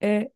E,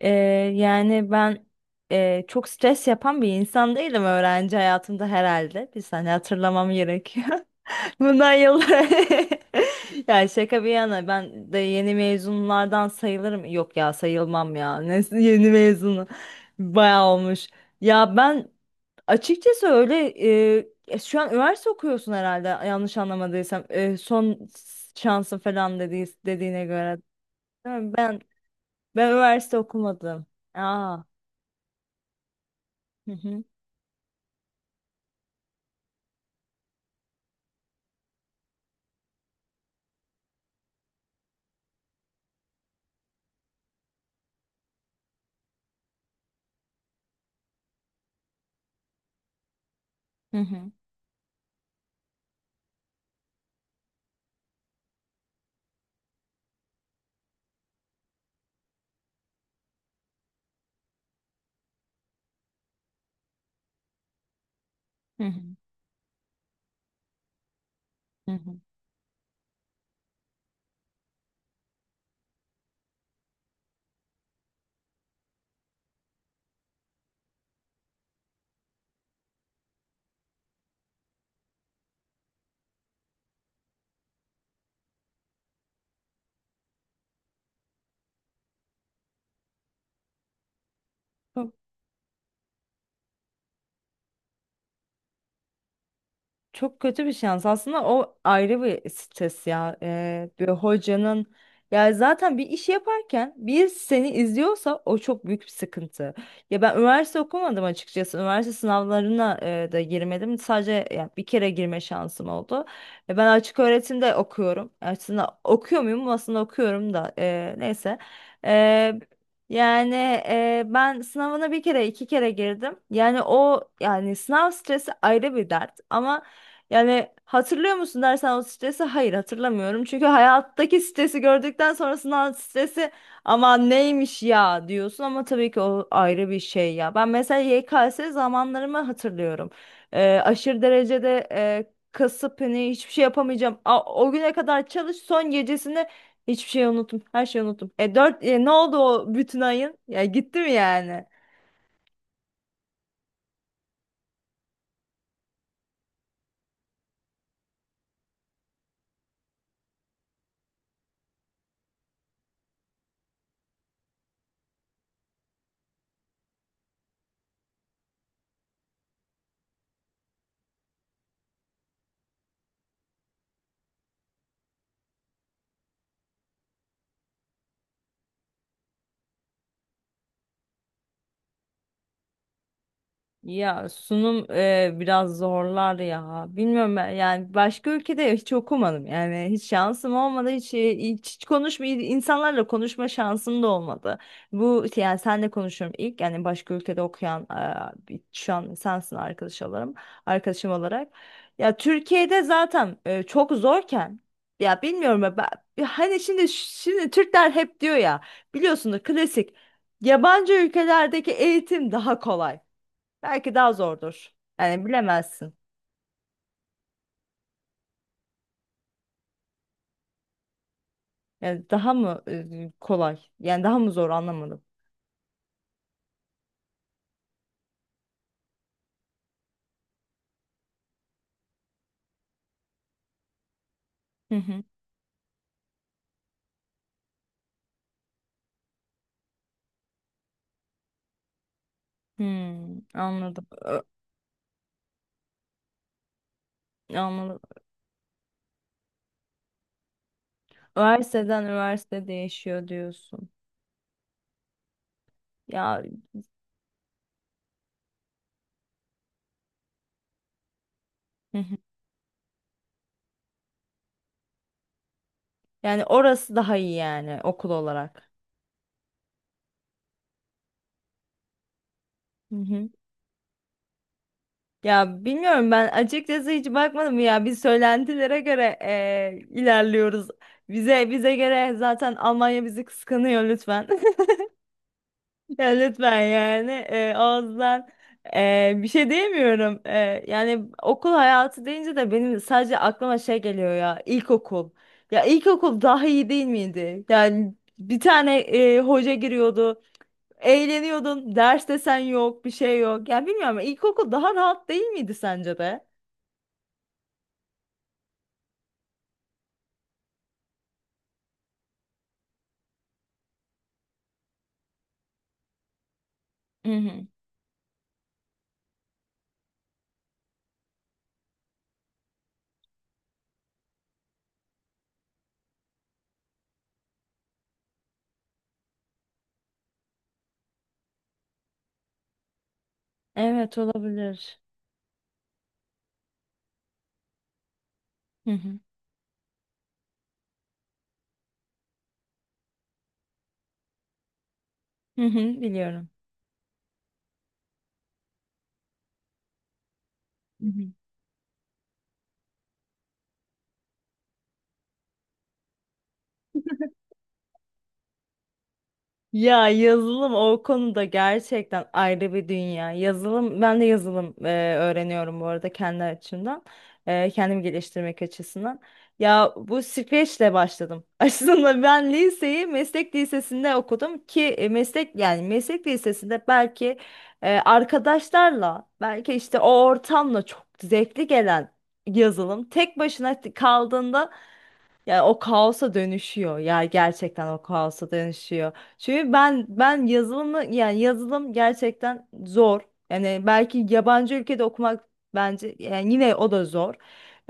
e, yani ben çok stres yapan bir insan değilim öğrenci hayatımda herhalde. Bir saniye hatırlamam gerekiyor. Bundan yıllar. Yani şaka bir yana ben de yeni mezunlardan sayılırım. Yok ya sayılmam ya. Ne, yeni mezunu. Bayağı olmuş. Ya ben açıkçası öyle şu an üniversite okuyorsun herhalde yanlış anlamadıysam. E, son şansın falan dediğine göre. Değil mi? Ben üniversite okumadım. Aa. Hı hı. Hı hı. Hı hı. Hı hı. Çok kötü bir şans. Aslında o ayrı bir stres ya. Bir hocanın ya zaten bir iş yaparken bir seni izliyorsa o çok büyük bir sıkıntı. Ya ben üniversite okumadım açıkçası. Üniversite sınavlarına da girmedim. Sadece ya bir kere girme şansım oldu. Ben açık öğretimde okuyorum. Aslında okuyor muyum? Aslında okuyorum da neyse. E, Yani ben sınavına bir kere iki kere girdim. Yani o yani sınav stresi ayrı bir dert ama yani hatırlıyor musun dersen o stresi hayır hatırlamıyorum. Çünkü hayattaki stresi gördükten sonrasından stresi ama neymiş ya diyorsun ama tabii ki o ayrı bir şey ya. Ben mesela YKS zamanlarımı hatırlıyorum. Aşırı derecede kasıp hani hiçbir şey yapamayacağım. O güne kadar çalış son gecesinde hiçbir şey unuttum. Her şeyi unuttum. E, dört, ne oldu o bütün ayın? Ya gitti mi yani? Ya sunum biraz zorlar ya. Bilmiyorum ben yani başka ülkede hiç okumadım. Yani hiç şansım olmadı. Hiç konuşma insanlarla konuşma şansım da olmadı. Bu işte, yani senle konuşuyorum ilk yani başka ülkede okuyan şu an sensin arkadaş olarak arkadaşım olarak. Ya Türkiye'de zaten çok zorken ya bilmiyorum ya ben, ya hani şimdi Türkler hep diyor ya biliyorsunuz klasik yabancı ülkelerdeki eğitim daha kolay. Belki daha zordur. Yani bilemezsin. Yani daha mı kolay? Yani daha mı zor anlamadım. Hı hı. Hmm, anladım. Anladım. Üniversiteden üniversite değişiyor diyorsun. Ya. Hı hı. Yani orası daha iyi yani okul olarak. Hı hı. Ya bilmiyorum ben açıkçası hiç bakmadım ya biz söylentilere göre ilerliyoruz. Bize göre zaten Almanya bizi kıskanıyor lütfen. Ya lütfen yani ağızdan bir şey diyemiyorum. E, yani okul hayatı deyince de benim sadece aklıma şey geliyor ya ilkokul. Ya ilkokul daha iyi değil miydi? Yani bir tane hoca giriyordu. Eğleniyordun. Ders desen yok, bir şey yok. Ya bilmiyorum ama ilkokul daha rahat değil miydi sence de? Hı hı. Evet olabilir. Hı hı. Hı hı, biliyorum. Ya yazılım o konuda gerçekten ayrı bir dünya. Yazılım ben de yazılım öğreniyorum bu arada kendi açımdan. Kendimi geliştirmek açısından. Ya bu süreçle başladım. Aslında ben liseyi meslek lisesinde okudum ki e, meslek yani meslek lisesinde belki arkadaşlarla belki işte o ortamla çok zevkli gelen yazılım tek başına kaldığında yani o kaosa dönüşüyor. Ya gerçekten o kaosa dönüşüyor. Çünkü ben yazılımı yani yazılım gerçekten zor. Yani belki yabancı ülkede okumak bence yani yine o da zor.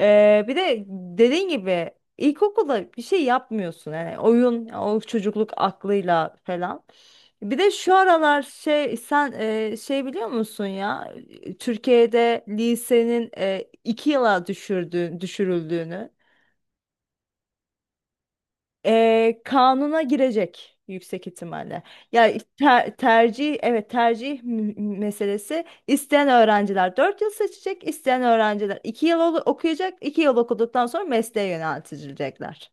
Bir de dediğin gibi ilkokulda bir şey yapmıyorsun. Yani oyun o çocukluk aklıyla falan. Bir de şu aralar şey sen şey biliyor musun ya Türkiye'de lisenin iki yıla düşürüldüğünü. Kanuna girecek yüksek ihtimalle. Ya tercih meselesi. İsteyen öğrenciler 4 yıl seçecek, isteyen öğrenciler 2 yıl okuyacak, 2 yıl okuduktan sonra mesleğe yöneltilecekler.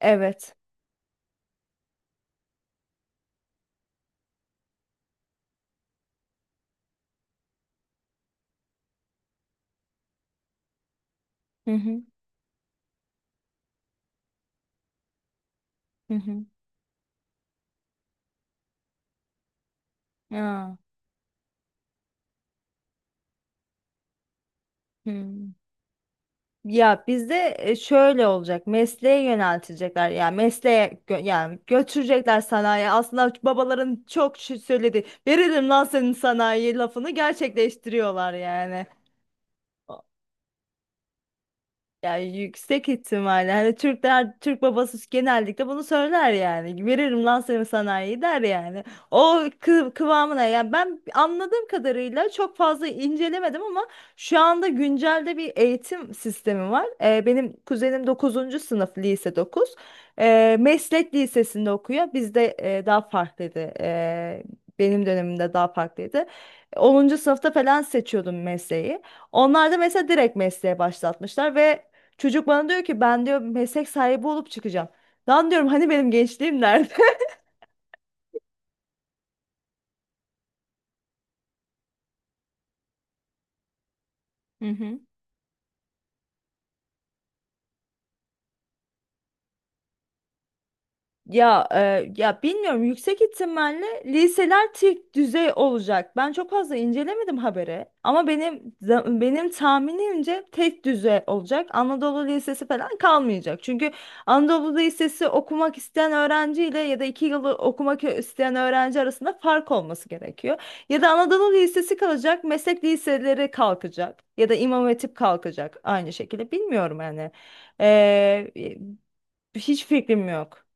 Evet. Hı hı. Hı hı. Ya. Hı. Ya bizde şöyle olacak. Mesleğe yöneltilecekler. Yani götürecekler sanayi. Aslında babaların çok şey söylediği veririm lan senin sanayi lafını gerçekleştiriyorlar yani. A- Yani yüksek ihtimalle hani Türkler Türk babası genellikle bunu söyler yani veririm lan seni sanayi der yani o kıvamına yani ben anladığım kadarıyla çok fazla incelemedim ama şu anda güncelde bir eğitim sistemi var. Benim kuzenim dokuzuncu sınıf lise 9, meslek lisesinde okuyor bizde daha farklıydı. Benim dönemimde daha farklıydı. Onuncu sınıfta falan seçiyordum mesleği, onlar da mesela direkt mesleğe başlatmışlar ve çocuk bana diyor ki ben diyor meslek sahibi olup çıkacağım. Lan diyorum hani benim gençliğim nerede? Hı hı. Ya bilmiyorum yüksek ihtimalle liseler tek düzey olacak. Ben çok fazla incelemedim haberi ama benim tahminimce tek düzey olacak. Anadolu Lisesi falan kalmayacak. Çünkü Anadolu Lisesi okumak isteyen öğrenciyle ya da iki yıl okumak isteyen öğrenci arasında fark olması gerekiyor. Ya da Anadolu Lisesi kalacak, meslek liseleri kalkacak ya da İmam Hatip kalkacak aynı şekilde. Bilmiyorum yani. E, hiç fikrim yok.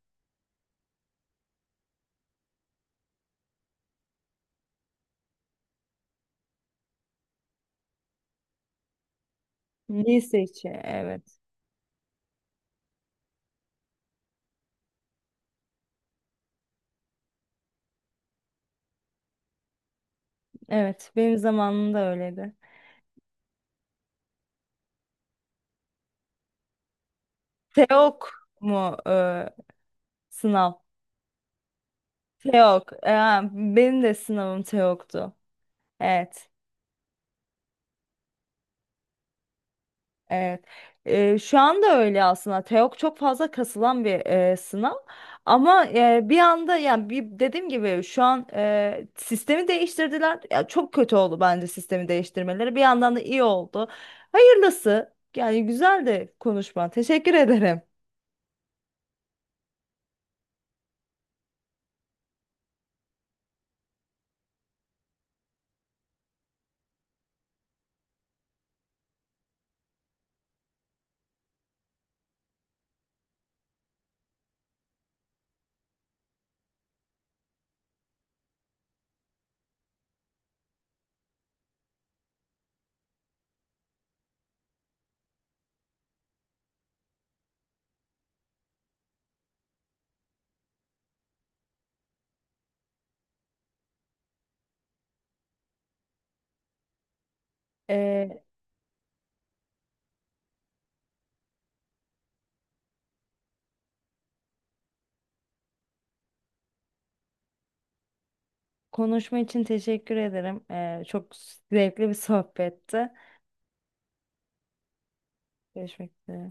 Lise içi evet. Evet benim zamanımda öyleydi. Teok mu sınav? Teok. E, ha, benim de sınavım Teok'tu. Evet. Evet. Şu anda öyle aslında. Teok çok fazla kasılan bir sınav. Ama e, bir anda yani bir, dediğim gibi şu an sistemi değiştirdiler. Ya, çok kötü oldu bence sistemi değiştirmeleri. Bir yandan da iyi oldu. Hayırlısı. Yani güzel de konuşma. Teşekkür ederim. E, Konuşma için teşekkür ederim. Çok zevkli bir sohbetti. Görüşmek üzere.